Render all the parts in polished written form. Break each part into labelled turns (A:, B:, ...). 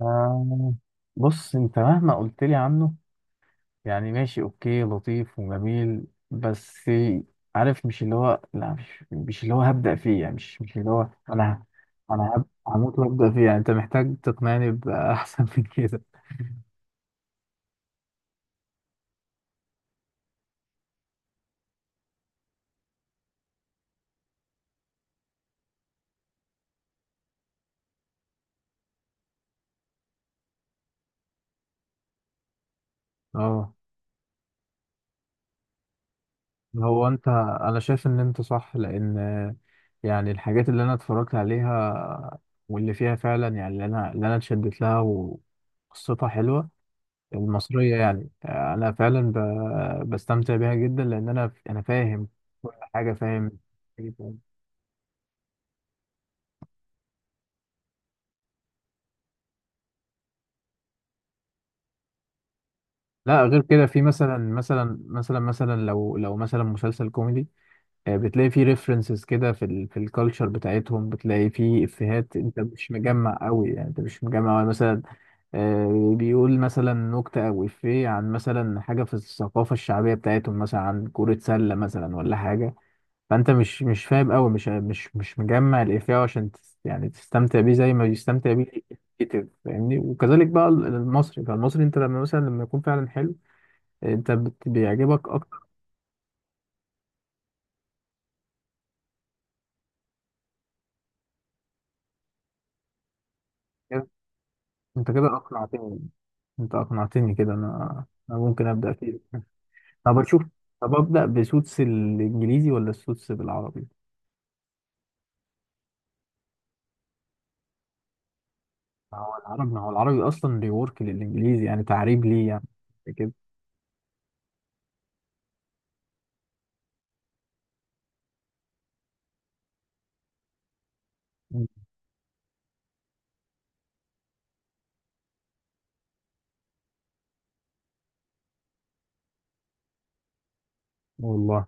A: آه. بص، انت مهما قلت لي عنه يعني ماشي، اوكي، لطيف وجميل، بس عارف، مش اللي هو، لا، مش اللي هو هبدأ فيه، يعني مش اللي هو انا هموت وابدأ فيه، يعني انت محتاج تقنعني بأحسن من كده. اه، هو انت، انا شايف ان انت صح، لان يعني الحاجات اللي انا اتفرجت عليها واللي فيها فعلا، يعني اللي انا اتشدت لها وقصتها حلوة، المصرية، يعني أنا فعلا بستمتع بيها جدا، لأن أنا فاهم كل حاجة، فاهم. لا، غير كده، في مثلا لو مثلا مسلسل كوميدي، آه، بتلاقي فيه ريفرنسز كده في ال، في الكالتشر بتاعتهم، بتلاقي فيه افيهات انت مش مجمع قوي، يعني انت مش مجمع مثلا. آه، بيقول مثلا نكتة او افيه عن مثلا حاجة في الثقافة الشعبية بتاعتهم، مثلا عن كرة سلة مثلا ولا حاجة. فانت مش فاهم قوي، مش مجمع الافيه عشان يعني تستمتع بيه زي ما بيستمتع بيه الكتاب، فاهمني؟ وكذلك بقى المصري، فالمصري انت لما مثلا، لما يكون فعلا حلو، انت بيعجبك اكتر كده. انت كده اقنعتني. انت اقنعتني كده، انا، انا ممكن ابدا فيه. طب اشوف، طب ابدا بسوتس الانجليزي ولا السوتس بالعربي؟ ما هو العربي، ما هو العربي اصلا ريورك للانجليزي، يعني تعريب، ليه يعني؟ كده. مم. والله.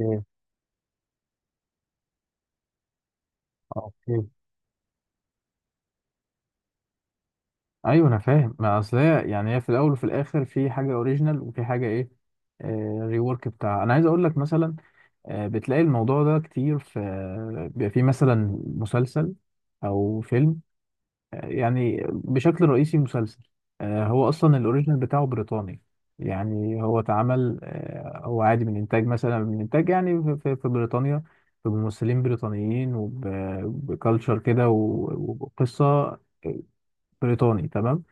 A: اوكي. اوكي. ايوه، انا فاهم، ما اصل هي يعني هي في الاول وفي الاخر في حاجه اوريجينال وفي حاجه ايه، ريورك بتاع. انا عايز اقول لك مثلا آه، بتلاقي الموضوع ده كتير في، بيبقى في مثلا مسلسل او فيلم، آه، يعني بشكل رئيسي مسلسل. آه، هو اصلا الاوريجينال بتاعه بريطاني، يعني هو اتعمل آه، هو عادي من انتاج مثلا، من انتاج يعني في في بريطانيا، بممثلين بريطانيين، وبكالتشر كده وقصه بريطاني، تمام.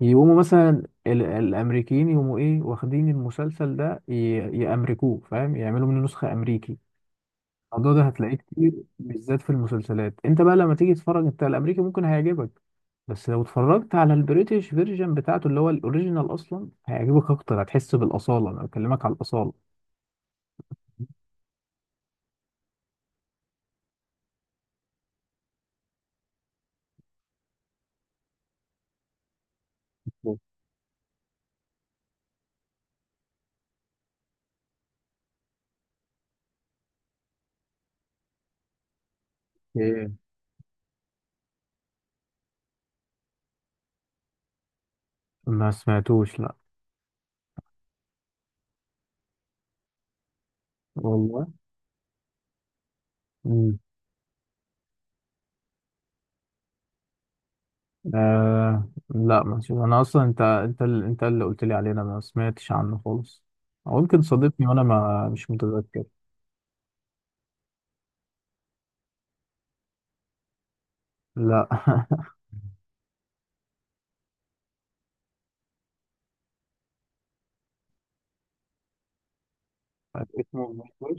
A: يقوموا مثلا الامريكيين يقوموا ايه، واخدين المسلسل ده، يامركوه، فاهم؟ يعملوا منه نسخه امريكي. الموضوع ده هتلاقيه كتير، بالذات في المسلسلات. انت بقى لما تيجي تتفرج، انت الامريكي ممكن هيعجبك، بس لو اتفرجت على البريتش فيرجن بتاعته اللي هو الاوريجينال اصلا هيعجبك اكتر، هتحس بالاصاله، انا بكلمك على الاصاله. اوكي. ما سمعتوش، لا. والله. آه. لا، ماشي. انا اصلا انت اللي قلت لي عليه، انا ما سمعتش عنه خالص، او يمكن صادفني وانا ما، مش متذكر. لا. اسمه مشوش.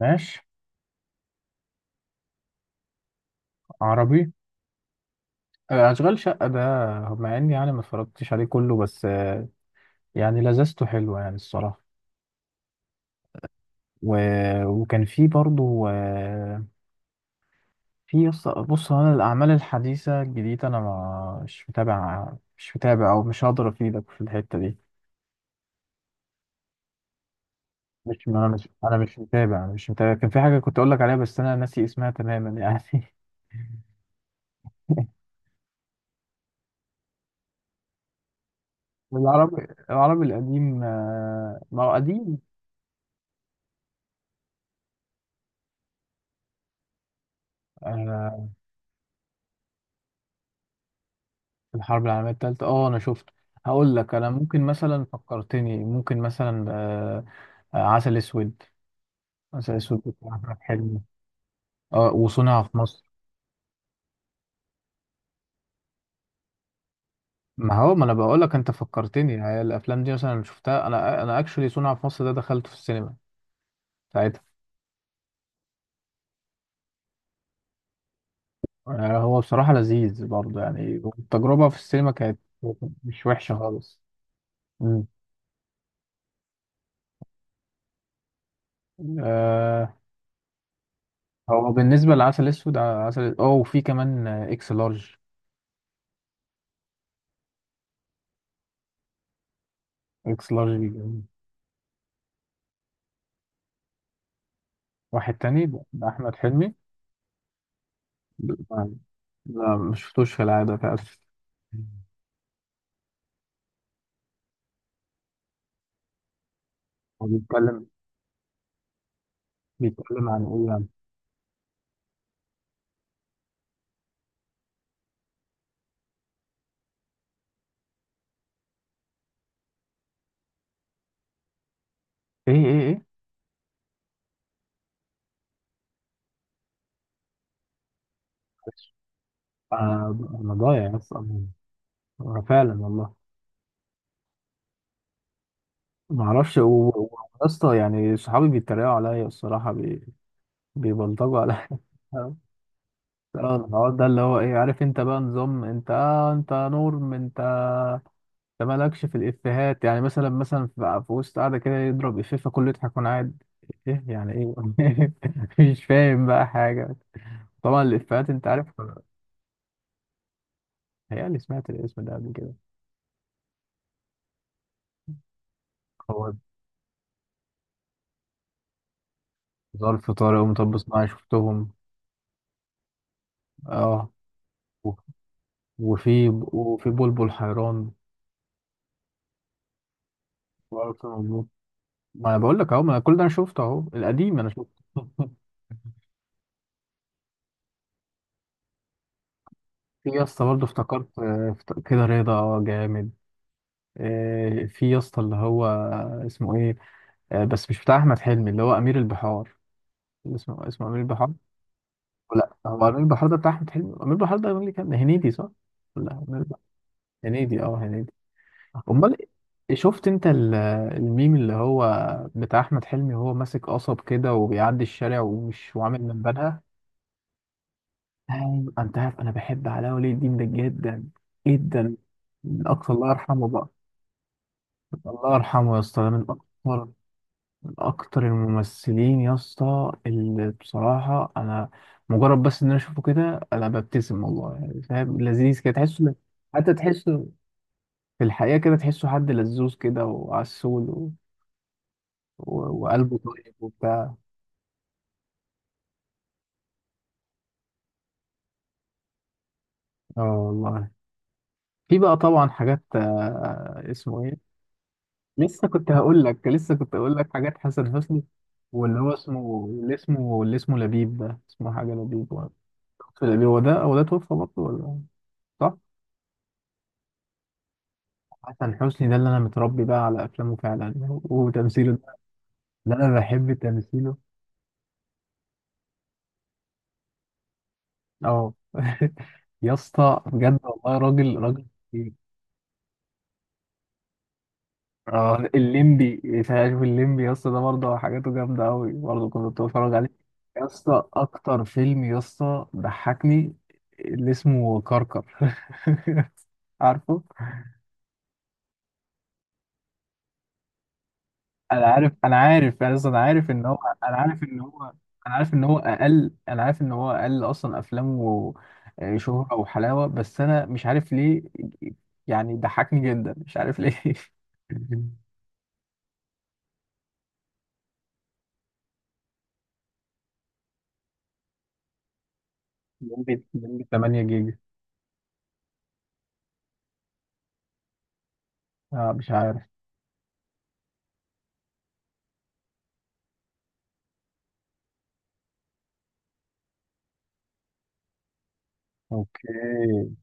A: ماشي. عربي، آه، اشغال شقه ده، مع اني يعني ما اتفرجتش عليه كله، بس آه، يعني لذته حلوه يعني، الصراحه. و، وكان في برضو آه، في بص، هو انا الاعمال الحديثه الجديده انا مش متابع، مش متابع، او مش هقدر افيدك في الحته دي. مش، ما انا مش، انا مش متابع، انا مش متابع. كان في حاجه كنت اقول لك عليها بس انا ناسي اسمها تماما يعني. العربي، العربي القديم، آه، ما هو قديم. آه، في الحرب العالميه الثالثه، اه، انا شفته. هقول لك، انا ممكن مثلا، فكرتني، ممكن مثلا آه، آه، عسل اسود، عسل اسود بتاع احمد حلمي. اه، وصنع في مصر. ما هو ما انا بقول لك انت فكرتني، هي الافلام دي مثلا شفتها، انا اكشولي صنع في مصر ده دخلته في السينما ساعتها. آه، هو بصراحة لذيذ برضه، يعني التجربة في السينما كانت مش وحشة خالص. مم. آه. هو بالنسبة لعسل أسود آه، عسل. اه، وفي كمان آه، إكس لارج. إكس لارج واحد تاني ده، ده أحمد حلمي. لا، لا، مش شفتوش في العادة فعلا. هو بيتكلم، بيتكلم عن إيه يعني؟ إيه. آه، أنا ضايع أصلا، فعلا والله. ما اعرفش ويا اسطى يعني صحابي بيتريقوا عليا الصراحه، بيبلطجوا على اه، الحوار ده اللي هو ايه، عارف انت بقى نظام انت آه، انت نور من انت، انت مالكش في الافيهات، يعني مثلا، في وسط قاعده كده، يضرب افيه فكله يضحك وانا قاعد ايه، يعني ايه؟ مش فاهم بقى حاجه. طبعا الافيهات انت عارف. هي، اللي سمعت الاسم ده قبل كده. هو ظرف طارق ومطب صناعي شفتهم، اه، و- وفي بلبل حيران. وألف مبروك. ما انا بقول لك اهو، ما أنا كل ده انا شفته اهو، القديم انا شفته. في يا اسطى برضه افتكرت آه، كده رضا، اه، جامد. آه، في يا اسطى اللي هو آه، اسمه ايه، آه، بس مش بتاع احمد حلمي، اللي هو امير البحار، اللي اسمه امير البحار. لا، هو امير البحار ده بتاع احمد حلمي، امير البحار ده اللي كان هنيدي، صح؟ لا، أمير البحار، هنيدي، اه، هنيدي. امال. شفت انت الميم اللي هو بتاع احمد حلمي وهو ماسك قصب كده وبيعدي الشارع ومش، وعامل من بالها. أيوة، انت عارف انا بحب علاء ولي الدين ده جدا، جدا. من اقصى، الله يرحمه بقى. الله يرحمه يا اسطى، ده من اكتر، من اكتر الممثلين يا اسطى اللي بصراحه انا مجرد بس ان انا اشوفه كده انا ببتسم، والله، يعني فاهم، لذيذ كده تحسه. حتى تحسه في الحقيقه كده، تحسه حد لذوذ كده وعسول، و، و، وقلبه طيب وبتاع. اه، والله. في بقى طبعا حاجات آه، اسمه ايه، لسه كنت هقول لك حاجات حسن حسني، واللي هو اسمه، اللي اسمه لبيب ده، اسمه حاجه لبيب في القديم. هو ده توفى برضه، ولا صح؟ حسن حسني ده اللي انا متربي بقى على افلامه فعلا، وتمثيله ده، ده انا بحب تمثيله. اه. يا اسطى بجد والله، راجل، راجل كتير. اه، الليمبي، شايف الليمبي يا اسطى ده برضه حاجاته جامده قوي، برضه كنت بتفرج عليه. يا اسطى، اكتر فيلم يا اسطى ضحكني، اللي اسمه كركر. عارفه. انا عارف يعني اصلا، انا عارف ان هو انا عارف ان هو اقل اصلا افلامه آه، شهرة وحلاوة، بس انا مش عارف ليه، يعني ضحكني جدا، مش عارف ليه. من 8 جيجا. اه، مش عارف. اوكي.